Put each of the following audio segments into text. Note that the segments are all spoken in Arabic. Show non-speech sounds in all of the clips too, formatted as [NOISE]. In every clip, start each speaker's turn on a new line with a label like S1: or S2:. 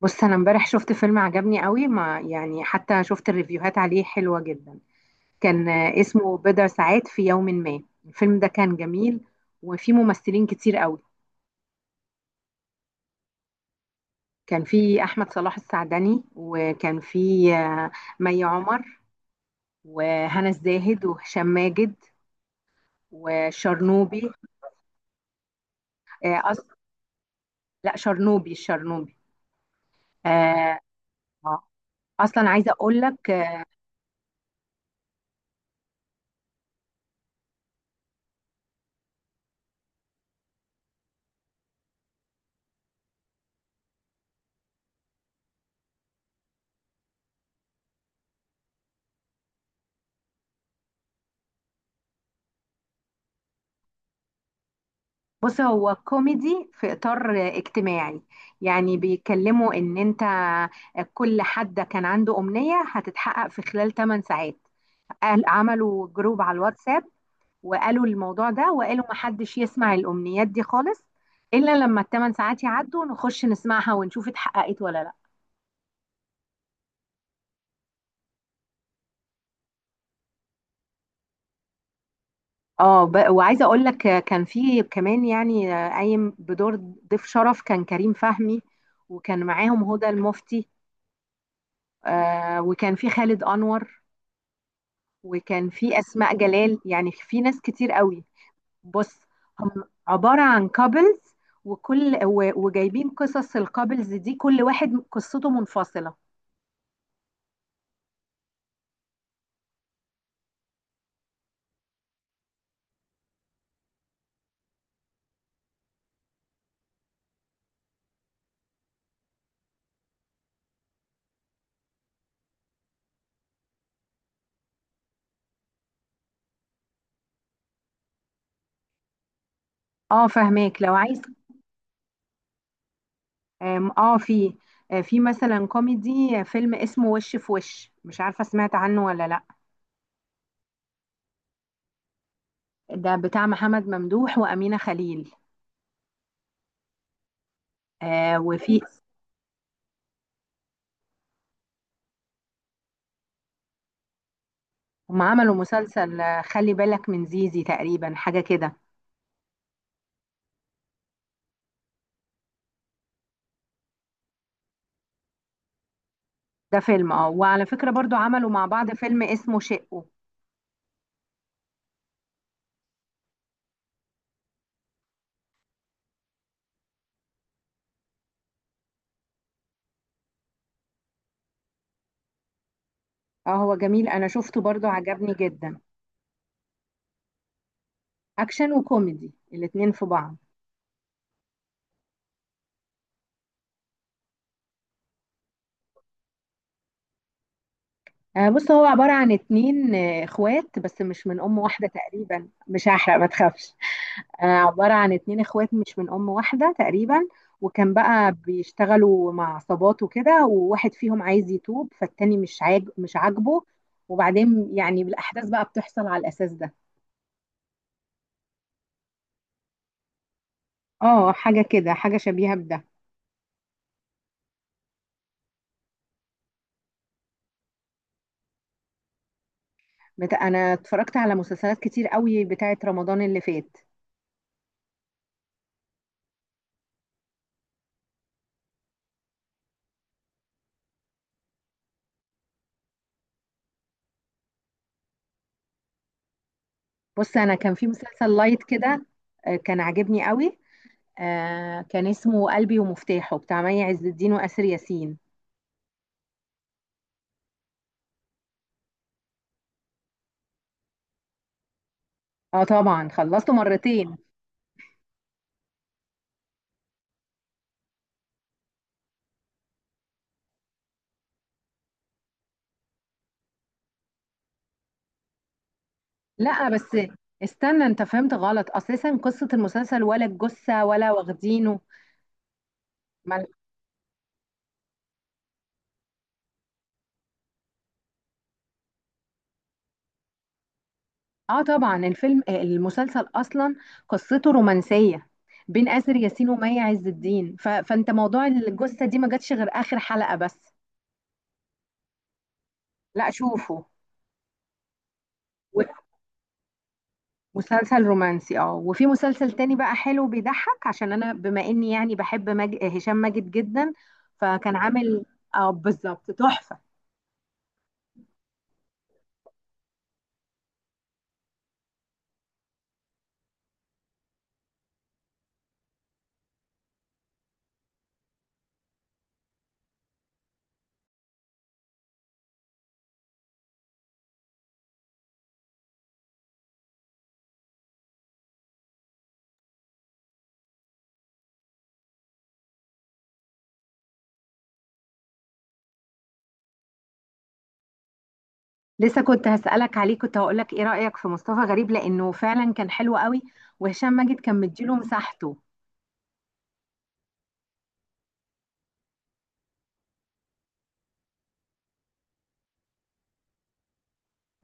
S1: بص انا امبارح شفت فيلم عجبني قوي ما يعني حتى شفت الريفيوهات عليه حلوة جدا. كان اسمه بضع ساعات في يوم ما. الفيلم ده كان جميل، وفيه ممثلين كتير قوي. كان فيه احمد صلاح السعدني، وكان فيه آه، مي عمر وهنا الزاهد وهشام ماجد وشرنوبي. آه، أص... لا، شرنوبي الشرنوبي. آه، آه. اصلا عايزه اقول لك، بص هو كوميدي في إطار اجتماعي. يعني بيتكلموا إن أنت كل حد كان عنده أمنية هتتحقق في خلال 8 ساعات، قال عملوا جروب على الواتساب وقالوا الموضوع ده، وقالوا محدش يسمع الأمنيات دي خالص إلا لما الثمان ساعات يعدوا نخش نسمعها ونشوف اتحققت ولا لا. وعايزة أقول لك، كان في كمان يعني قايم بدور ضيف شرف كان كريم فهمي، وكان معاهم هدى المفتي. وكان في خالد أنور، وكان في اسماء جلال. يعني في ناس كتير قوي. بص، هم عباره عن كابلز، وجايبين قصص الكابلز دي، كل واحد قصته منفصله. اه فهماك. لو عايز، آم، اه في آه، في مثلا كوميدي، فيلم اسمه وش في وش، مش عارفه سمعت عنه ولا لا. ده بتاع محمد ممدوح وامينه خليل. آه وفي، هم عملوا مسلسل خلي بالك من زيزي تقريبا، حاجه كده. ده فيلم اه، وعلى فكره برضو عملوا مع بعض فيلم اسمه شقه. اه هو جميل، انا شفته برضو عجبني جدا. اكشن وكوميدي الاتنين في بعض. آه بص، هو عبارة عن اتنين اخوات، بس مش من ام واحدة تقريبا. مش هحرق، ما تخافش. آه، عبارة عن اتنين اخوات مش من ام واحدة تقريبا، وكان بقى بيشتغلوا مع عصابات وكده، وواحد فيهم عايز يتوب، فالتاني مش عاجبه. وبعدين يعني الاحداث بقى بتحصل على الاساس ده. اه حاجة كده، حاجة شبيهة بده. انا اتفرجت على مسلسلات كتير قوي بتاعت رمضان اللي فات. بص، انا كان في مسلسل لايت كده، كان عاجبني قوي. كان اسمه قلبي ومفتاحه، بتاع مي عز الدين واسر ياسين. اه طبعا خلصته مرتين. لا بس استنى، انت فهمت غلط اساسا قصة المسلسل ولا الجثة ولا واخدينه. مال- اه طبعا الفيلم، المسلسل اصلا قصته رومانسية بين اسر ياسين ومي عز الدين. فانت موضوع الجثة دي ما جاتش غير اخر حلقة بس. لا شوفه. مسلسل رومانسي اه. وفي مسلسل تاني بقى حلو بيضحك، عشان انا بما اني يعني بحب هشام ماجد جدا، فكان عامل. اه بالظبط، تحفة. لسه كنت هسألك عليه، كنت هقول لك ايه رأيك في مصطفى غريب؟ لانه فعلا كان حلو قوي، وهشام ماجد كان مديله مساحته.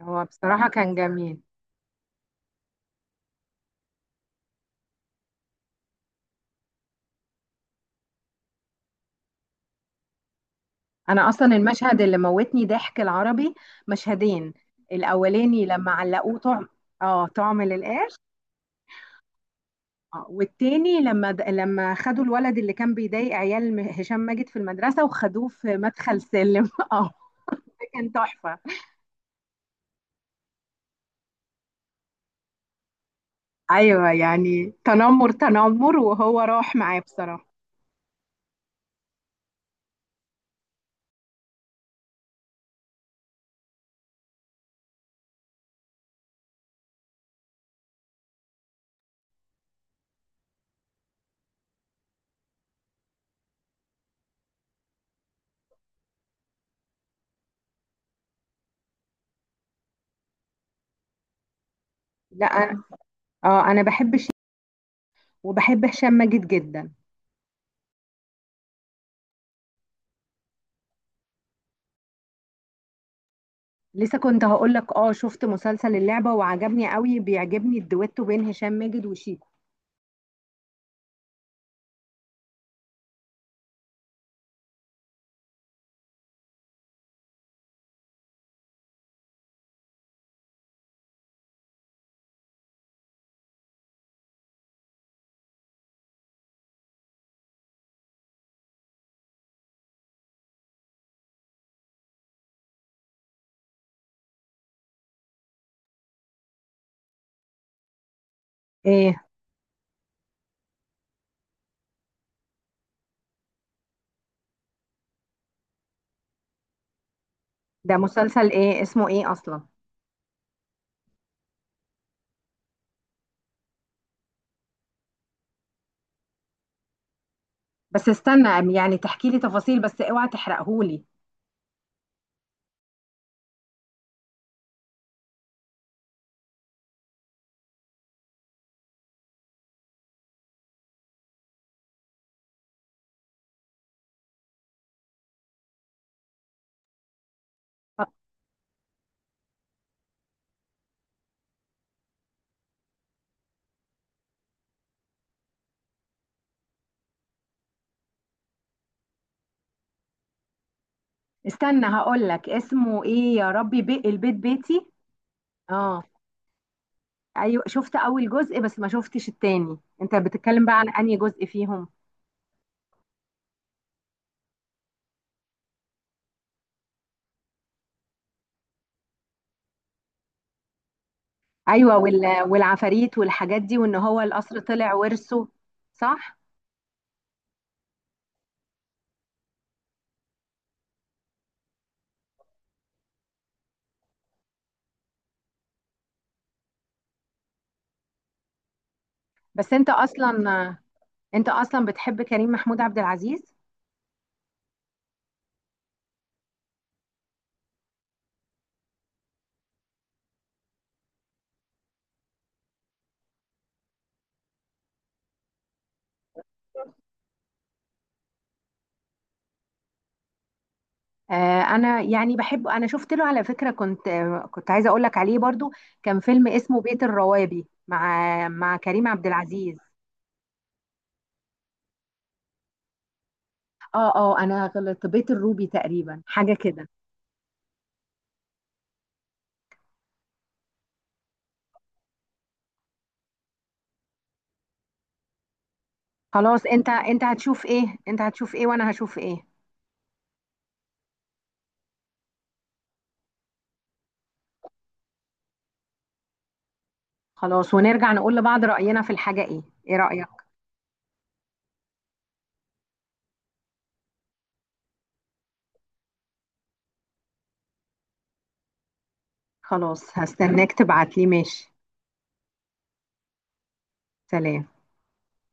S1: هو بصراحة كان جميل. انا اصلا المشهد اللي موتني ضحك العربي مشهدين: الاولاني لما علقوه طعم. اه طعم للقاع. اه، والتاني لما خدوا الولد اللي كان بيضايق عيال هشام ماجد في المدرسة، وخدوه في مدخل سلم. [LAUGHS] اه ده كان تحفة. ايوه يعني تنمر تنمر، وهو راح معاه بصراحة. لا أنا- اه انا بحب وبحب هشام ماجد جدا. لسه كنت هقول لك، اه شفت مسلسل اللعبة وعجبني قوي. بيعجبني الدويتو بين هشام ماجد وشيكو. ايه، ده مسلسل ايه؟ اسمه ايه اصلا؟ بس استنى، يعني تحكي لي تفاصيل بس اوعى تحرقهولي. استنى هقول لك اسمه ايه. يا ربي، البيت بيتي. اه ايوه، شفت اول جزء بس ما شفتش التاني. انت بتتكلم بقى عن انهي جزء فيهم؟ ايوه، والعفاريت والحاجات دي، وان هو القصر طلع ورثه. صح. بس انت اصلا انت اصلا بتحب كريم محمود عبد العزيز. آه انا يعني بحب. انا شفت له على فكرة، كنت كنت عايزة اقول لك عليه برضو. كان فيلم اسمه بيت الروابي مع كريم عبد العزيز. اه انا غلطت، بيت الروبي تقريبا حاجة كده. خلاص، انت هتشوف ايه وانا هشوف ايه. خلاص، ونرجع نقول لبعض رأينا في الحاجة. ايه رأيك؟ خلاص هستناك تبعت لي، ماشي. سلام.